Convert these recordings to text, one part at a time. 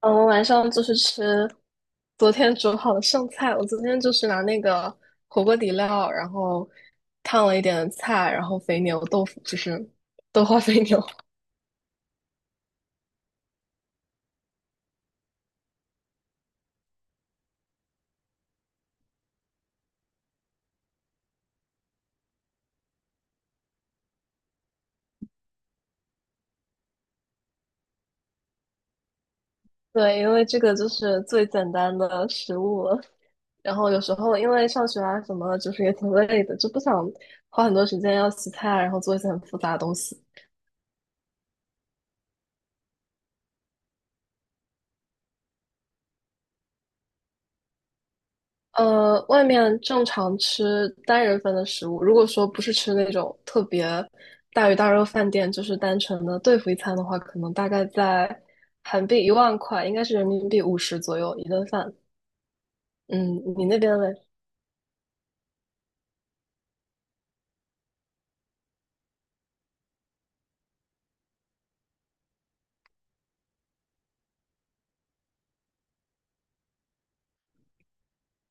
嗯，我晚上就是吃昨天煮好的剩菜。我昨天就是拿那个火锅底料，然后烫了一点菜，然后肥牛豆腐，就是 豆花肥牛。对，因为这个就是最简单的食物了。然后有时候因为上学啊什么的，就是也挺累的，就不想花很多时间要洗菜，然后做一些很复杂的东西。外面正常吃单人份的食物，如果说不是吃那种特别大鱼大肉饭店，就是单纯的对付一餐的话，可能大概在韩币10000块，应该是人民币五十左右一顿饭。嗯，你那边嘞？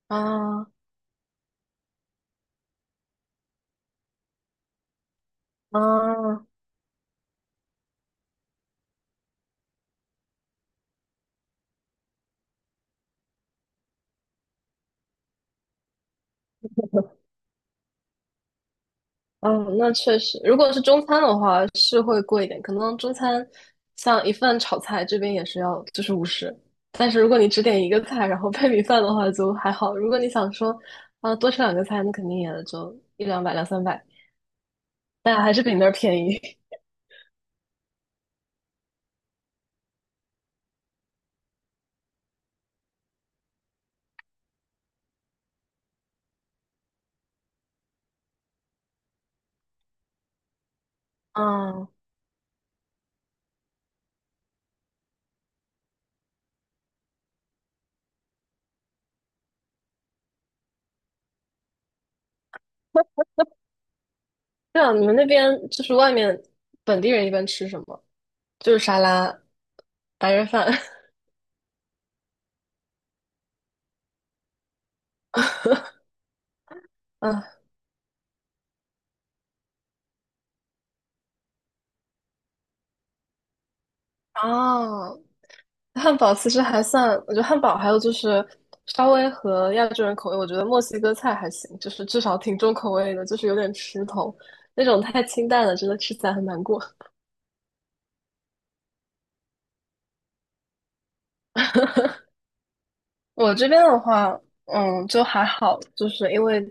啊啊，嗯，那确实，如果是中餐的话是会贵一点，可能中餐像一份炒菜这边也是要就是五十，但是如果你只点一个菜，然后配米饭的话就还好。如果你想说啊、多吃两个菜，那肯定也就一两百两三百，但还是比那儿便宜。嗯，对啊，你们那边就是外面本地人一般吃什么？就是沙拉、白人饭。嗯，哦，汉堡其实还算，我觉得汉堡还有就是稍微和亚洲人口味，我觉得墨西哥菜还行，就是至少挺重口味的，就是有点吃头，那种太清淡了，真的吃起来很难过。我这边的话，嗯，就还好，就是因为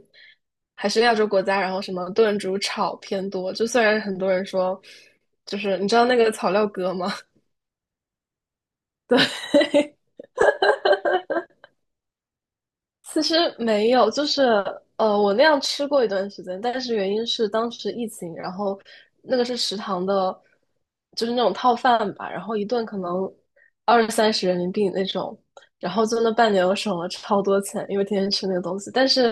还是亚洲国家，然后什么炖煮炒偏多，就虽然很多人说，就是你知道那个草料哥吗？对，其实没有，就是我那样吃过一段时间，但是原因是当时疫情，然后那个是食堂的，就是那种套饭吧，然后一顿可能二三十人民币那种，然后就那半年我省了超多钱，因为天天吃那个东西。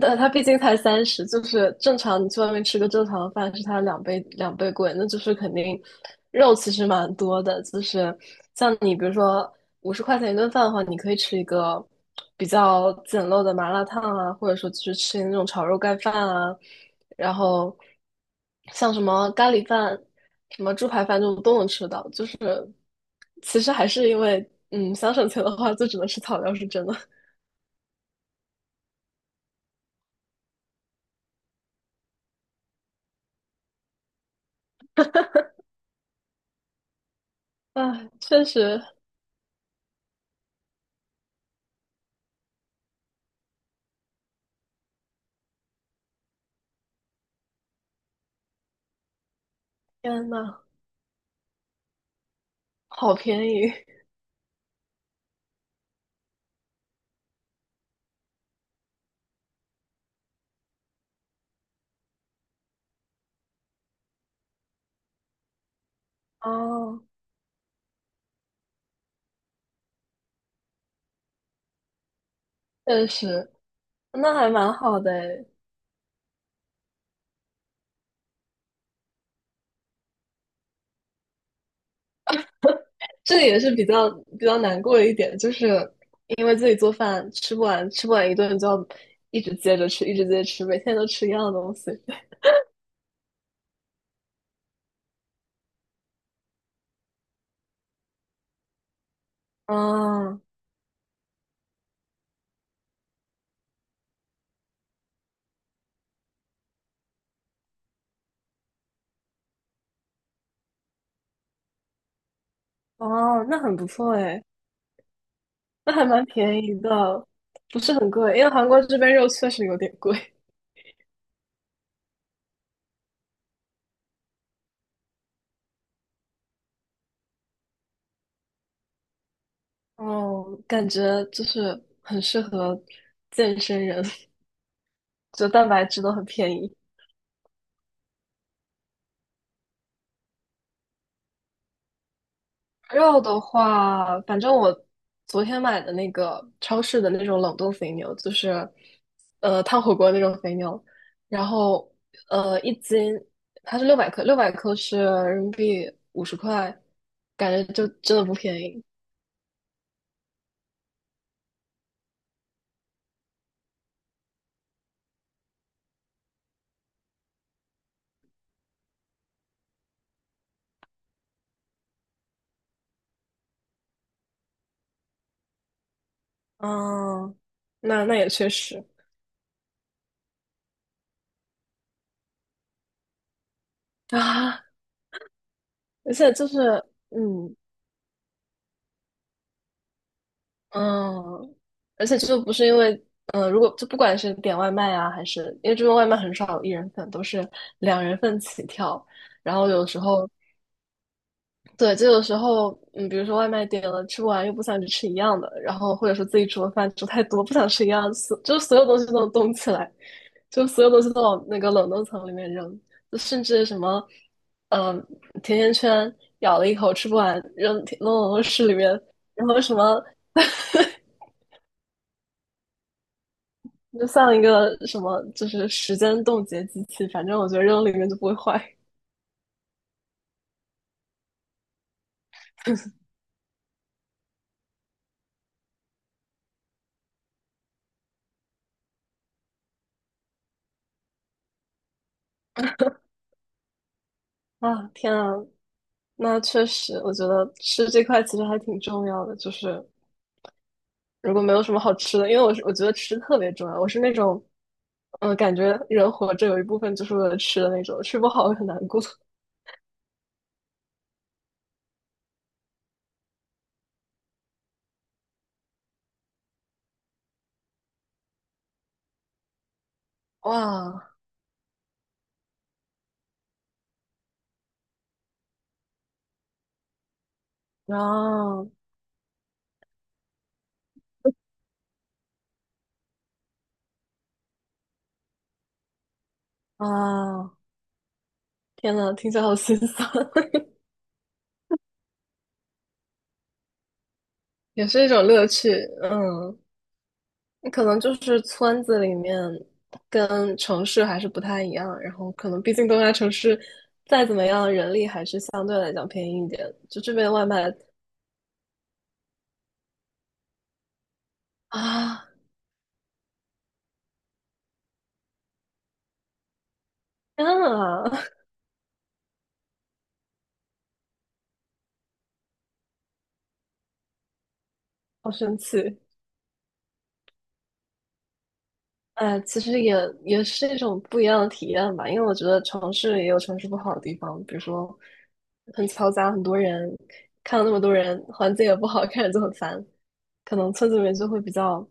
但它毕竟才三十，就是正常你去外面吃个正常的饭是它两倍两倍贵，那就是肯定肉其实蛮多的。就是像你比如说50块钱一顿饭的话，你可以吃一个比较简陋的麻辣烫啊，或者说去是吃那种炒肉盖饭啊，然后像什么咖喱饭、什么猪排饭这种都能吃到，就是其实还是因为，嗯，想省钱的话，就只能吃草料，是真的。唉，确实，天呐，好便宜哦，确实，那还蛮好的诶。这个也是比较难过的一点，就是因为自己做饭吃不完，吃不完一顿就要一直接着吃，一直接着吃，每天都吃一样的东西。嗯，哦，那很不错诶，那还蛮便宜的，不是很贵，因为韩国这边肉确实有点贵。哦，感觉就是很适合健身人，就蛋白质都很便宜。肉的话，反正我昨天买的那个超市的那种冷冻肥牛，就是烫火锅那种肥牛，然后一斤它是六百克，六百克是人民币五十块，感觉就真的不便宜。嗯，那也确实啊，而且就是嗯，嗯，而且就不是因为，嗯，如果就不管是点外卖啊，还是因为这边外卖很少有一人份，都是两人份起跳。然后有时候，对，就有时候，嗯，比如说外卖点了吃不完，又不想去吃一样的，然后或者说自己煮的饭煮太多，不想吃一样的，所就所有东西都能冻起来，就所有东西都往那个冷冻层里面扔，就甚至什么，嗯，甜甜圈咬了一口吃不完，扔冷冻室里面。然后什么就像一个什么，就是时间冻结机器，反正我觉得扔里面就不会坏啊！天啊，那确实，我觉得吃这块其实还挺重要的。就是如果没有什么好吃的，因为我觉得吃特别重要，我是那种，嗯、感觉人活着有一部分就是为了吃的那种，吃不好会很难过。哇，然后啊，天呐，听起来好心酸，也是一种乐趣。嗯，可能就是村子里面跟城市还是不太一样，然后可能毕竟东亚城市再怎么样，人力还是相对来讲便宜一点。就这边外卖啊，天啊，好生气！哎，其实也是一种不一样的体验吧，因为我觉得城市也有城市不好的地方，比如说很嘈杂，很多人，看到那么多人，环境也不好，看着就很烦。可能村子里面就会比较，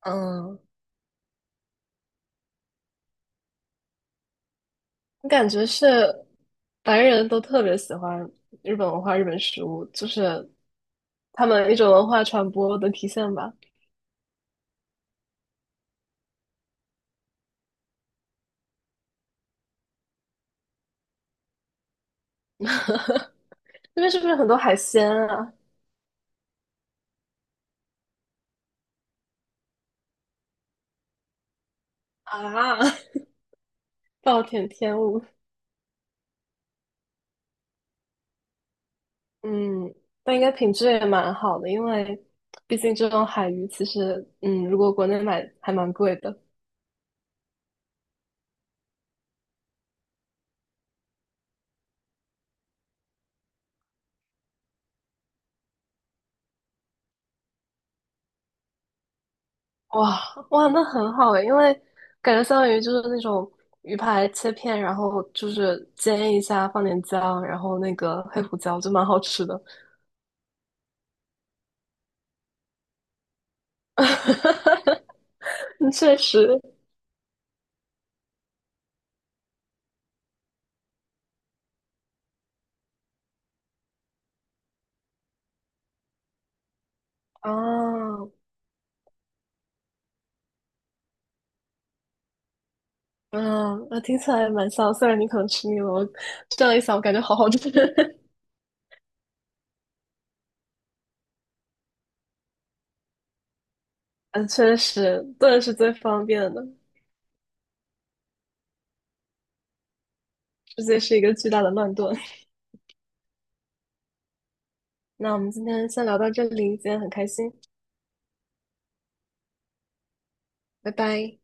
嗯，我感觉是白人都特别喜欢日本文化、日本食物，就是他们一种文化传播的体现吧。那边是不是很多海鲜啊？啊，暴殄天物。嗯，但应该品质也蛮好的，因为毕竟这种海鱼其实，嗯，如果国内买还蛮贵的。哇哇，那很好诶，因为感觉相当于就是那种鱼排切片，然后就是煎一下，放点姜，然后那个黑胡椒，就蛮好吃的。嗯确实，啊，嗯，那听起来蛮香。虽然你可能吃腻了，我这样一想，我感觉好好吃。嗯，确实，炖是最方便的，直接是一个巨大的乱炖。那我们今天先聊到这里，今天很开心，拜拜。